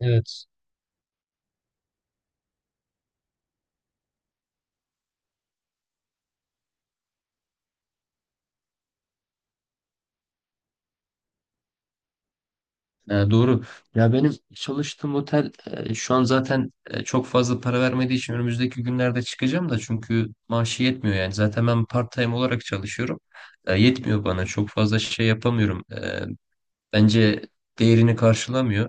Evet. Doğru. Ya benim çalıştığım otel şu an zaten çok fazla para vermediği için önümüzdeki günlerde çıkacağım da çünkü maaşı yetmiyor yani. Zaten ben part-time olarak çalışıyorum. Yetmiyor bana. Çok fazla şey yapamıyorum. Bence değerini karşılamıyor.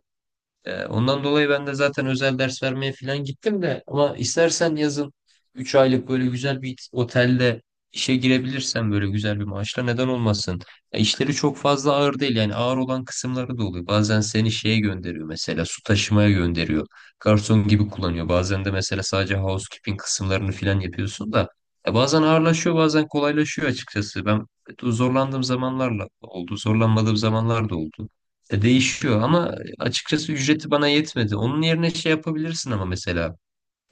Ondan dolayı ben de zaten özel ders vermeye falan gittim de, ama istersen yazın 3 aylık böyle güzel bir otelde işe girebilirsen böyle güzel bir maaşla neden olmasın? Ya işleri çok fazla ağır değil, yani ağır olan kısımları da oluyor. Bazen seni şeye gönderiyor, mesela su taşımaya gönderiyor. Garson gibi kullanıyor. Bazen de mesela sadece housekeeping kısımlarını falan yapıyorsun da ya bazen ağırlaşıyor bazen kolaylaşıyor açıkçası. Ben zorlandığım zamanlarla oldu, zorlanmadığım zamanlar da oldu. Değişiyor ama açıkçası ücreti bana yetmedi. Onun yerine şey yapabilirsin, ama mesela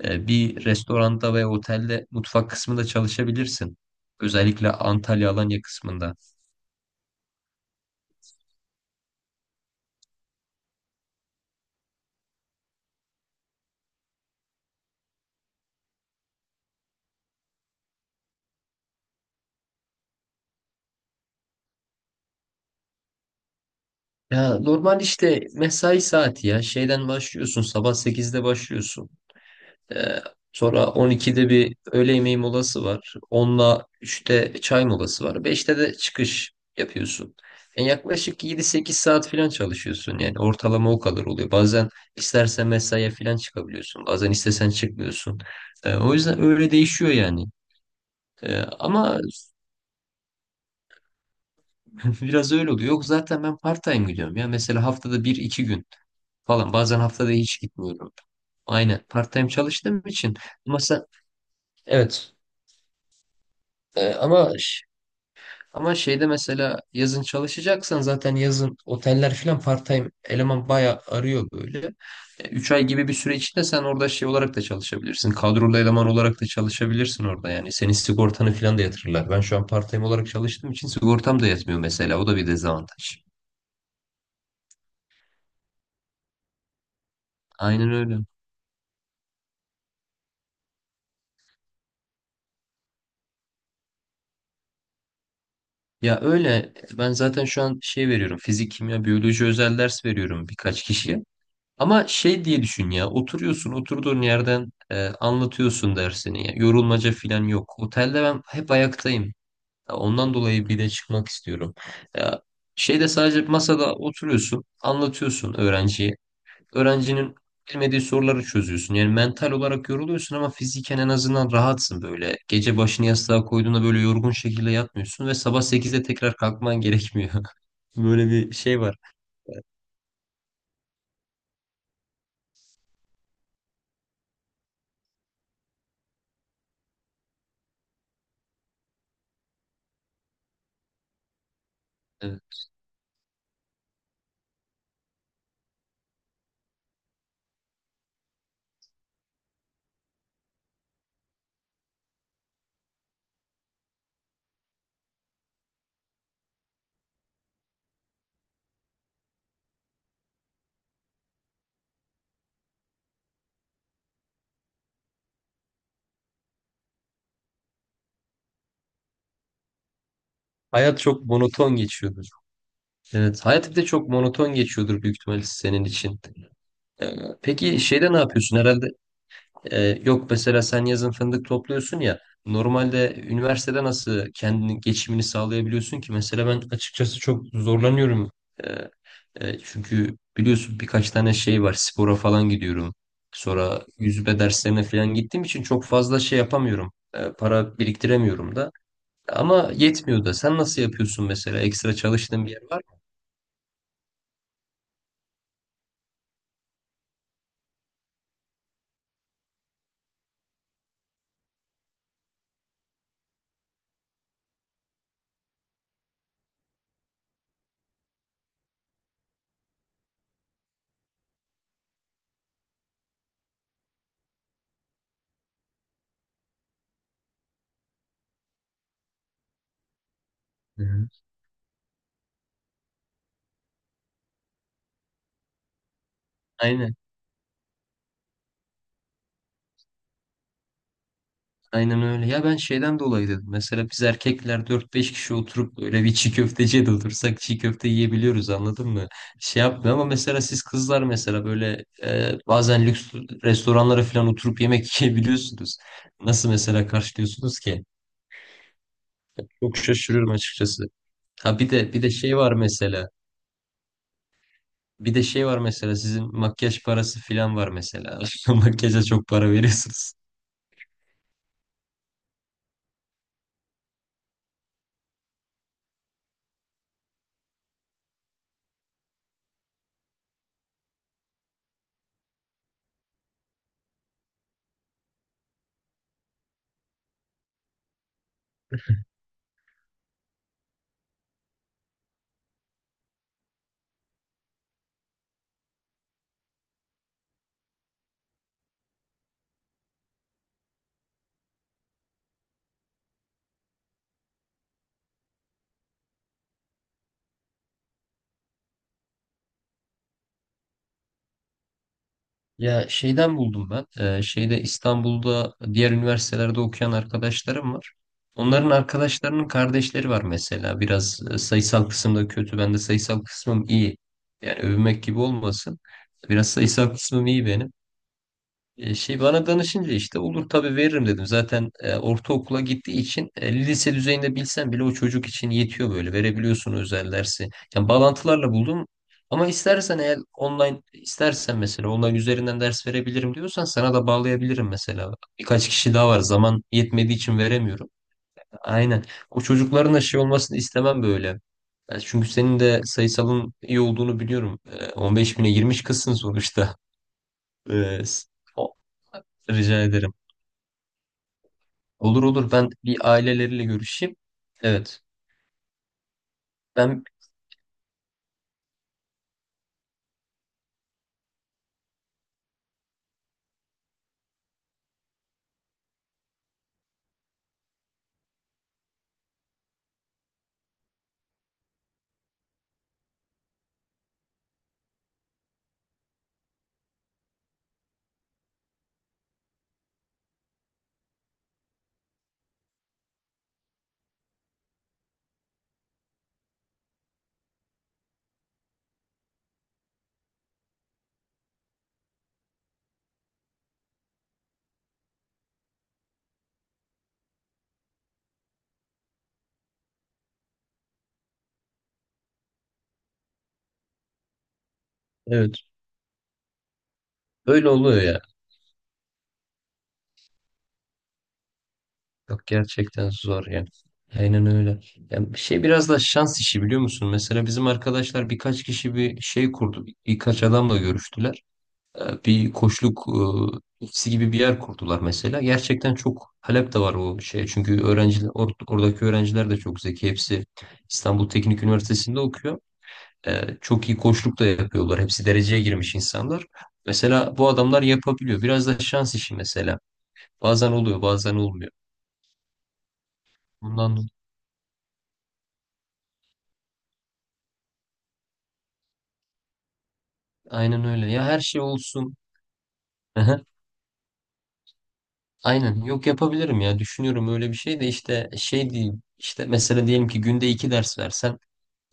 bir restoranda veya otelde mutfak kısmında çalışabilirsin. Özellikle Antalya Alanya kısmında. Ya normal işte mesai saati ya şeyden başlıyorsun, sabah sekizde başlıyorsun. Ee, Sonra 12'de bir öğle yemeği molası var. Onla üçte çay molası var. Beşte de çıkış yapıyorsun. Yani yaklaşık yedi sekiz saat falan çalışıyorsun. Yani ortalama o kadar oluyor. Bazen istersen mesaiye falan çıkabiliyorsun. Bazen istesen çıkmıyorsun. O yüzden öyle değişiyor yani. Ama Biraz öyle oluyor. Yok zaten ben part-time gidiyorum ya. Mesela haftada bir iki gün falan. Bazen haftada hiç gitmiyorum. Aynen, part-time çalıştığım için. Ama sen... Evet. Ee, ama Ama şeyde mesela yazın çalışacaksan zaten yazın oteller falan part-time eleman bayağı arıyor böyle. Üç ay gibi bir süre içinde sen orada şey olarak da çalışabilirsin. Kadrolu eleman olarak da çalışabilirsin orada yani. Senin sigortanı falan da yatırırlar. Ben şu an part-time olarak çalıştığım için sigortam da yatmıyor mesela. O da bir dezavantaj. Aynen öyle. Ya öyle, ben zaten şu an şey veriyorum. Fizik, kimya, biyoloji özel ders veriyorum birkaç kişiye. Ama şey diye düşün, ya oturuyorsun oturduğun yerden, anlatıyorsun dersini, ya yorulmaca falan yok. Otelde ben hep ayaktayım. Ya ondan dolayı bir de çıkmak istiyorum. Ya şeyde sadece masada oturuyorsun, anlatıyorsun öğrenciye. Öğrencinin bilmediği soruları çözüyorsun. Yani mental olarak yoruluyorsun ama fiziken en azından rahatsın böyle. Gece başını yastığa koyduğunda böyle yorgun şekilde yatmıyorsun ve sabah 8'de tekrar kalkman gerekmiyor. Böyle bir şey var. Evet. Hayat çok monoton geçiyor. Evet, hayat bir de çok monoton geçiyordur büyük ihtimalle senin için. Ee, Peki şeyde ne yapıyorsun herhalde? Yok mesela sen yazın fındık topluyorsun ya. Normalde üniversitede nasıl kendini geçimini sağlayabiliyorsun ki? Mesela ben açıkçası çok zorlanıyorum. Ee, Çünkü biliyorsun birkaç tane şey var. Spora falan gidiyorum. Sonra yüzme derslerine falan gittiğim için çok fazla şey yapamıyorum. Para biriktiremiyorum da. Ama yetmiyor da. Sen nasıl yapıyorsun mesela? Ekstra çalıştığın bir yer var mı? Hı hı. Aynen. Aynen öyle. Ya ben şeyden dolayı dedim. Mesela biz erkekler dört beş kişi oturup böyle bir çiğ köfteciye de otursak çiğ köfte yiyebiliyoruz, anladın mı? Şey yapmıyor, ama mesela siz kızlar mesela böyle bazen lüks restoranlara falan oturup yemek yiyebiliyorsunuz. Nasıl mesela karşılıyorsunuz ki? Çok şaşırıyorum açıkçası. Ha, bir de şey var mesela. Bir de şey var mesela, sizin makyaj parası filan var mesela. Makyaja çok para veriyorsunuz. Ya şeyden buldum ben. Şeyde İstanbul'da diğer üniversitelerde okuyan arkadaşlarım var. Onların arkadaşlarının kardeşleri var mesela. Biraz sayısal kısımda kötü. Ben de sayısal kısmım iyi. Yani övünmek gibi olmasın. Biraz sayısal kısmım iyi benim. Şey bana danışınca işte olur tabii veririm dedim. Zaten ortaokula gittiği için lise düzeyinde bilsen bile o çocuk için yetiyor böyle. Verebiliyorsun özel dersi. Yani bağlantılarla buldum. Ama istersen, eğer online istersen, mesela online üzerinden ders verebilirim diyorsan sana da bağlayabilirim mesela. Birkaç kişi daha var. Zaman yetmediği için veremiyorum. Aynen. O çocukların da şey olmasını istemem böyle. Yani çünkü senin de sayısalın iyi olduğunu biliyorum. 15 bine girmiş kızsın sonuçta. Ee, s- o- Rica ederim. Olur olur, ben bir aileleriyle görüşeyim. Evet. Ben evet. Öyle oluyor ya. Yok gerçekten zor yani. Aynen öyle. Yani bir şey biraz da şans işi, biliyor musun? Mesela bizim arkadaşlar birkaç kişi bir şey kurdu. Birkaç adamla görüştüler. Bir koçluk ofisi gibi bir yer kurdular mesela. Gerçekten çok talep de var o şeye. Çünkü öğrenciler oradaki öğrenciler de çok zeki. Hepsi İstanbul Teknik Üniversitesi'nde okuyor. Çok iyi koçluk da yapıyorlar. Hepsi dereceye girmiş insanlar. Mesela bu adamlar yapabiliyor. Biraz da şans işi mesela. Bazen oluyor, bazen olmuyor. Bundan dolayı- aynen öyle. Ya her şey olsun. Aha, aynen. Yok yapabilirim ya. Düşünüyorum öyle bir şey de, işte şey değil. İşte mesela diyelim ki günde iki ders versen,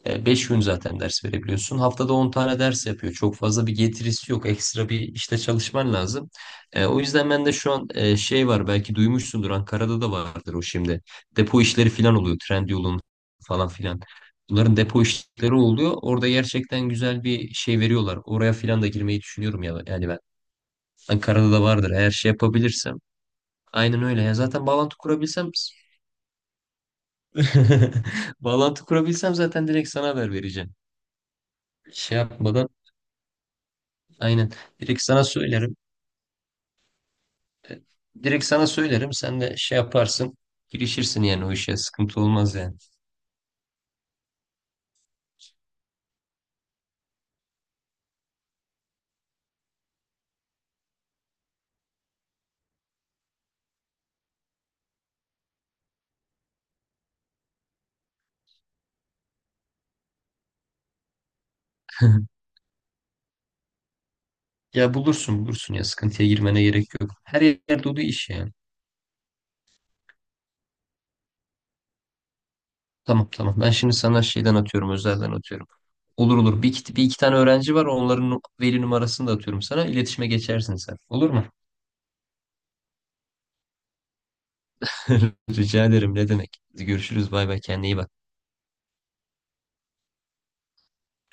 Beş gün zaten ders verebiliyorsun. Haftada 10 tane ders yapıyor. Çok fazla bir getirisi yok. Ekstra bir işte çalışman lazım. O yüzden ben de şu an, şey var belki duymuşsundur, Ankara'da da vardır o şimdi. Depo işleri falan oluyor. Trendyol'un falan filan. Bunların depo işleri oluyor. Orada gerçekten güzel bir şey veriyorlar. Oraya filan da girmeyi düşünüyorum ya. Yani ben Ankara'da da vardır. Eğer şey yapabilirsem. Aynen öyle. Ya zaten bağlantı kurabilsem, bağlantı kurabilsem zaten direkt sana haber vereceğim. Şey yapmadan. Aynen. Direkt sana söylerim. E, Direkt sana söylerim. Sen de şey yaparsın. Girişirsin yani o işe. Sıkıntı olmaz yani. Ya bulursun bulursun ya. Sıkıntıya girmene gerek yok. Her yerde olduğu iş yani. Tamam tamam. Ben şimdi sana şeyden atıyorum. Özelden atıyorum. Olur olur. Bir iki tane öğrenci var. Onların veli numarasını da atıyorum sana. İletişime geçersin sen. Olur mu? Rica ederim. Ne demek? Görüşürüz. Bay bay. Kendine iyi bak.